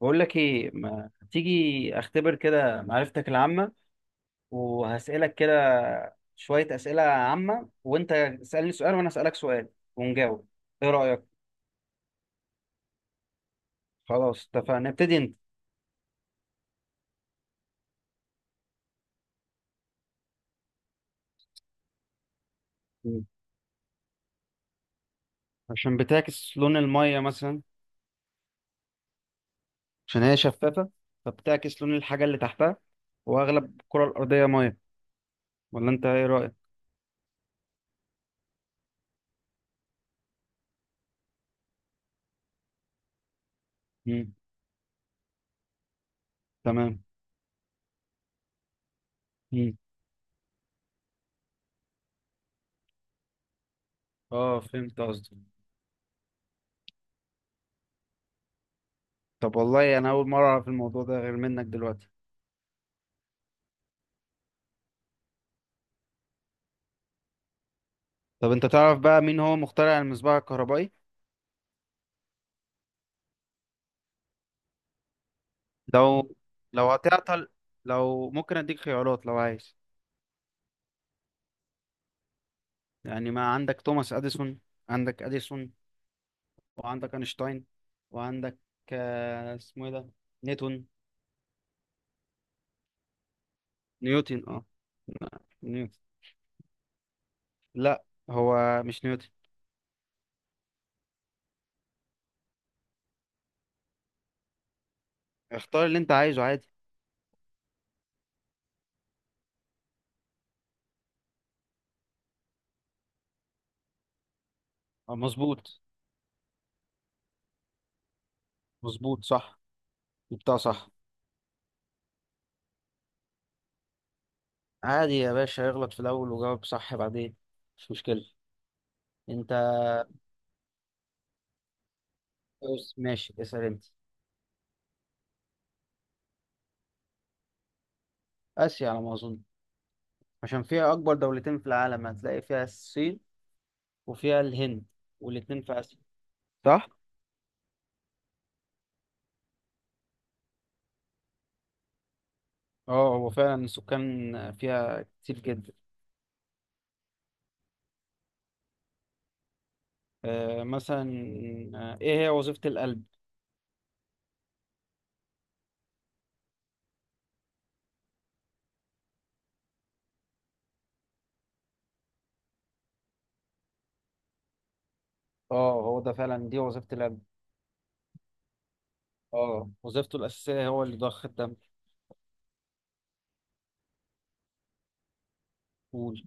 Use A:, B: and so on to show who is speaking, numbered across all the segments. A: بقول لك ايه؟ ما تيجي اختبر كده معرفتك العامة، وهسألك كده شوية أسئلة عامة، وانت اسألني سؤال وانا أسألك سؤال ونجاوب. ايه رأيك؟ خلاص، اتفقنا. ابتدي انت. مم. عشان بتعكس لون المية مثلا، عشان هي شفافة، فبتعكس لون الحاجة اللي تحتها، واغلب الكرة الأرضية مية. ولا انت ايه رأيك؟ مم. تمام. مم. اه، فهمت قصدي. طب والله انا اول مرة اعرف الموضوع ده غير منك دلوقتي. طب انت تعرف بقى مين هو مخترع المصباح الكهربائي؟ لو لو هتعطل، لو ممكن اديك خيارات لو عايز. يعني ما عندك توماس اديسون، عندك اديسون، وعندك اينشتاين، وعندك اسمه ايه ده، نيوتن. نيوتن اه. لا، نيوتن. لا، هو مش نيوتن. اختار اللي انت عايزه عادي. مظبوط، مظبوط صح، جبتها صح. عادي يا باشا، اغلط في الاول وجاوب صح بعدين، مش مشكلة. انت، بص، ماشي، اسأل انت. اسيا على ما اظن، عشان فيها اكبر دولتين في العالم، هتلاقي فيها الصين وفيها الهند والاتنين في آسيا. صح، اه هو فعلا السكان فيها كتير جدا. آه مثلا، ايه هي وظيفة القلب؟ اه هو ده فعلا دي وظيفة القلب. اه وظيفته الأساسية هو اللي ضخ الدم. قول.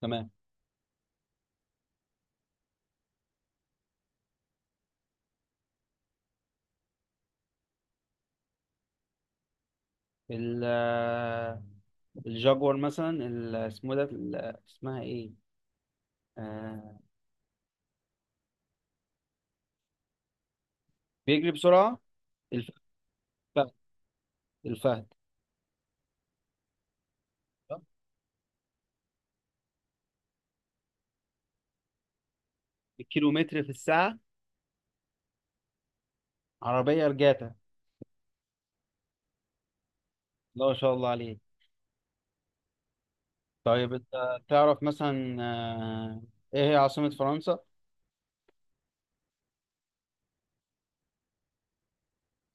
A: تمام. ال آه، الجاguار مثلا، اسمه ده، اسمها ايه؟ آه، بيجري بسرعة. الفهد، الفهد. الكيلومتر في الساعة. عربية رجعتها. لا، ما شاء الله عليه. طيب انت تعرف مثلا، ايه هي عاصمة فرنسا؟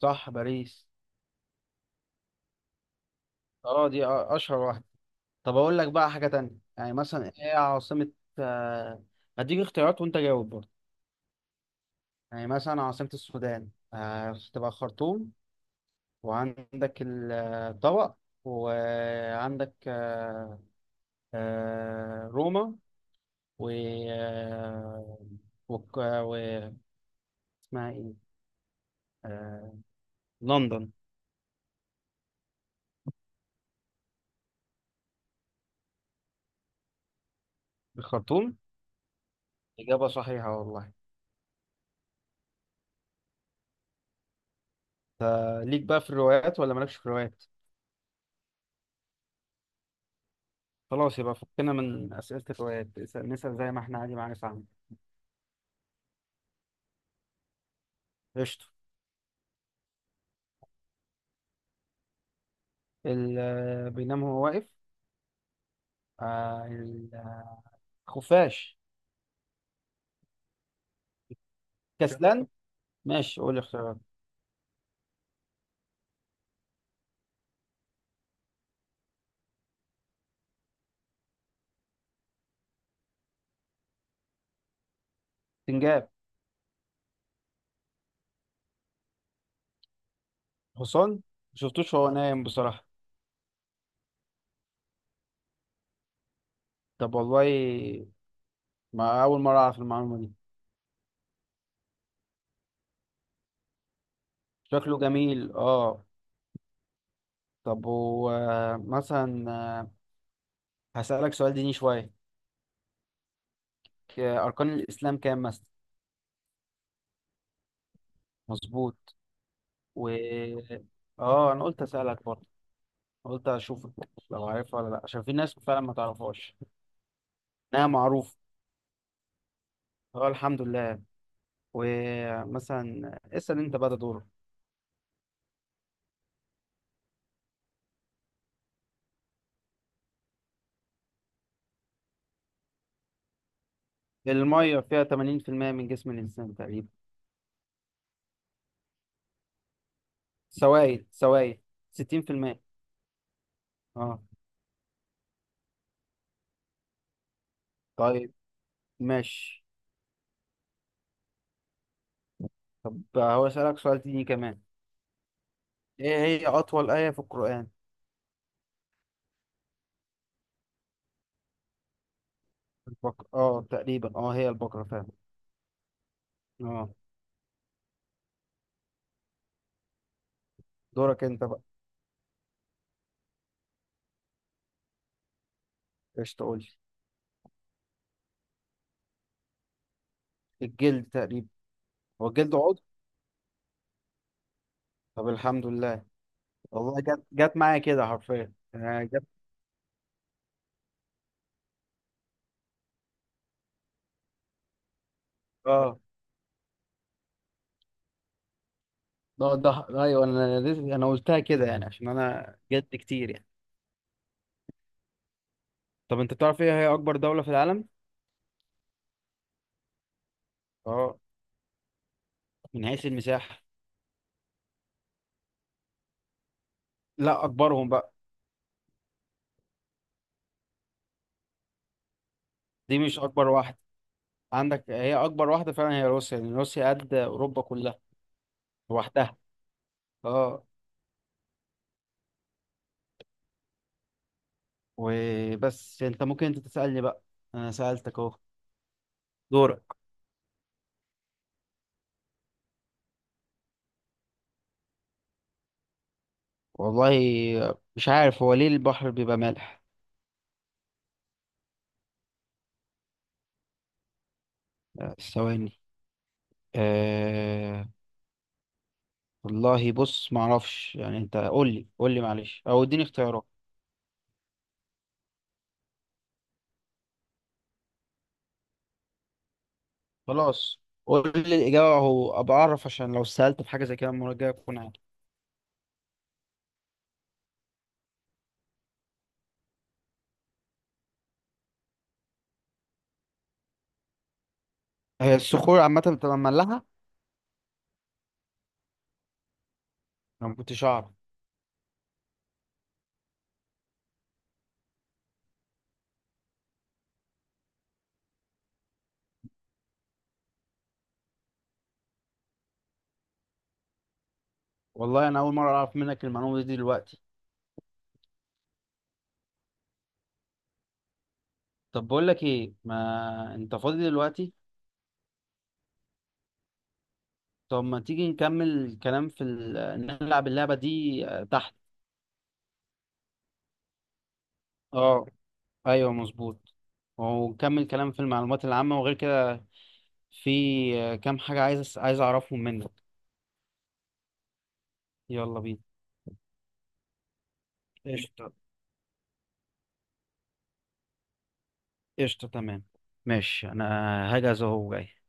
A: صح، باريس. اه دي اشهر واحدة. طب اقول لك بقى حاجة تانية. يعني مثلا ايه هي عاصمة، آه، هديك اختيارات وانت جاوب برضه. يعني مثلا عاصمة السودان تبقى خرطوم، وعندك الطبق، وعندك روما، و وك- آه، و اسمها ايه؟ آه، لندن. الخرطوم. إجابة صحيحة والله. ليك بقى في الروايات ولا مالكش في الروايات؟ خلاص، يبقى فكنا من أسئلة الروايات. نسأل زي ما احنا عادي، معانا، فاهم؟ قشطة. بينام هو واقف. آه، ال- آه، خفاش. كسلان. ماشي، قول لي اختيارات. سنجاب. حصان. مشفتوش وهو نايم بصراحة. طب والله، ما أول مرة أعرف المعلومة دي. شكله جميل اه. طب هو مثلا هسألك سؤال ديني شوية. أركان الإسلام كام مثلا؟ مظبوط. و اه انا قلت اسالك برضه، قلت اشوفك لو عارفها ولا لا، عشان في ناس فعلا ما تعرفهاش. انها معروفه. اه الحمد لله. ومثلا اسال انت بقى، ده دورك. الميه فيها 80% من جسم الانسان تقريبا. سوائل، سوائل. 60%. اه. طيب، ماشي. طب هو اسالك سؤال تاني كمان. ايه هي اطول ايه في القران؟ البقره، اه تقريبا، اه هي البقره فعلا. اه. دورك انت بقى. ايش تقول؟ الجلد تقريبا. هو الجلد عضو؟ طب الحمد لله. والله جت معايا كده حرفيا، جت. اه ده ده ايوه، انا قلتها كده يعني عشان انا جد كتير يعني. طب انت تعرف ايه هي اكبر دولة في العالم؟ اه، من حيث المساحة. لا، اكبرهم بقى. دي مش اكبر واحدة، عندك هي اكبر واحدة فعلا، هي روسيا، لان روسيا قد اوروبا كلها لوحدها. اه. وبس، انت ممكن انت تسألني بقى، انا سألتك اهو. دورك. والله مش عارف هو ليه البحر بيبقى مالح. ثواني. أه... والله بص معرفش، يعني انت قول لي، قول لي معلش، او اديني اختيارات. خلاص، قول لي الإجابة أهو أبقى أعرف، عشان لو سألت في حاجة زي كده المرة الجاية أكون عارف. هي الصخور عامة بتبقى مملحة؟ أنا ما كنتش أعرف. والله أنا أول مرة أعرف منك المعلومة دي دلوقتي. طب بقول لك إيه؟ ما أنت فاضي دلوقتي؟ طب ما تيجي نكمل الكلام في نلعب اللعبة دي تحت. أه، أيوه مظبوط. ونكمل كلام في المعلومات العامة وغير كده. في كام حاجة عايز عايز أعرفهم منك. يلا بينا. قشطة، قشطة، تمام. ماشي، أنا هجهز أهو جاي.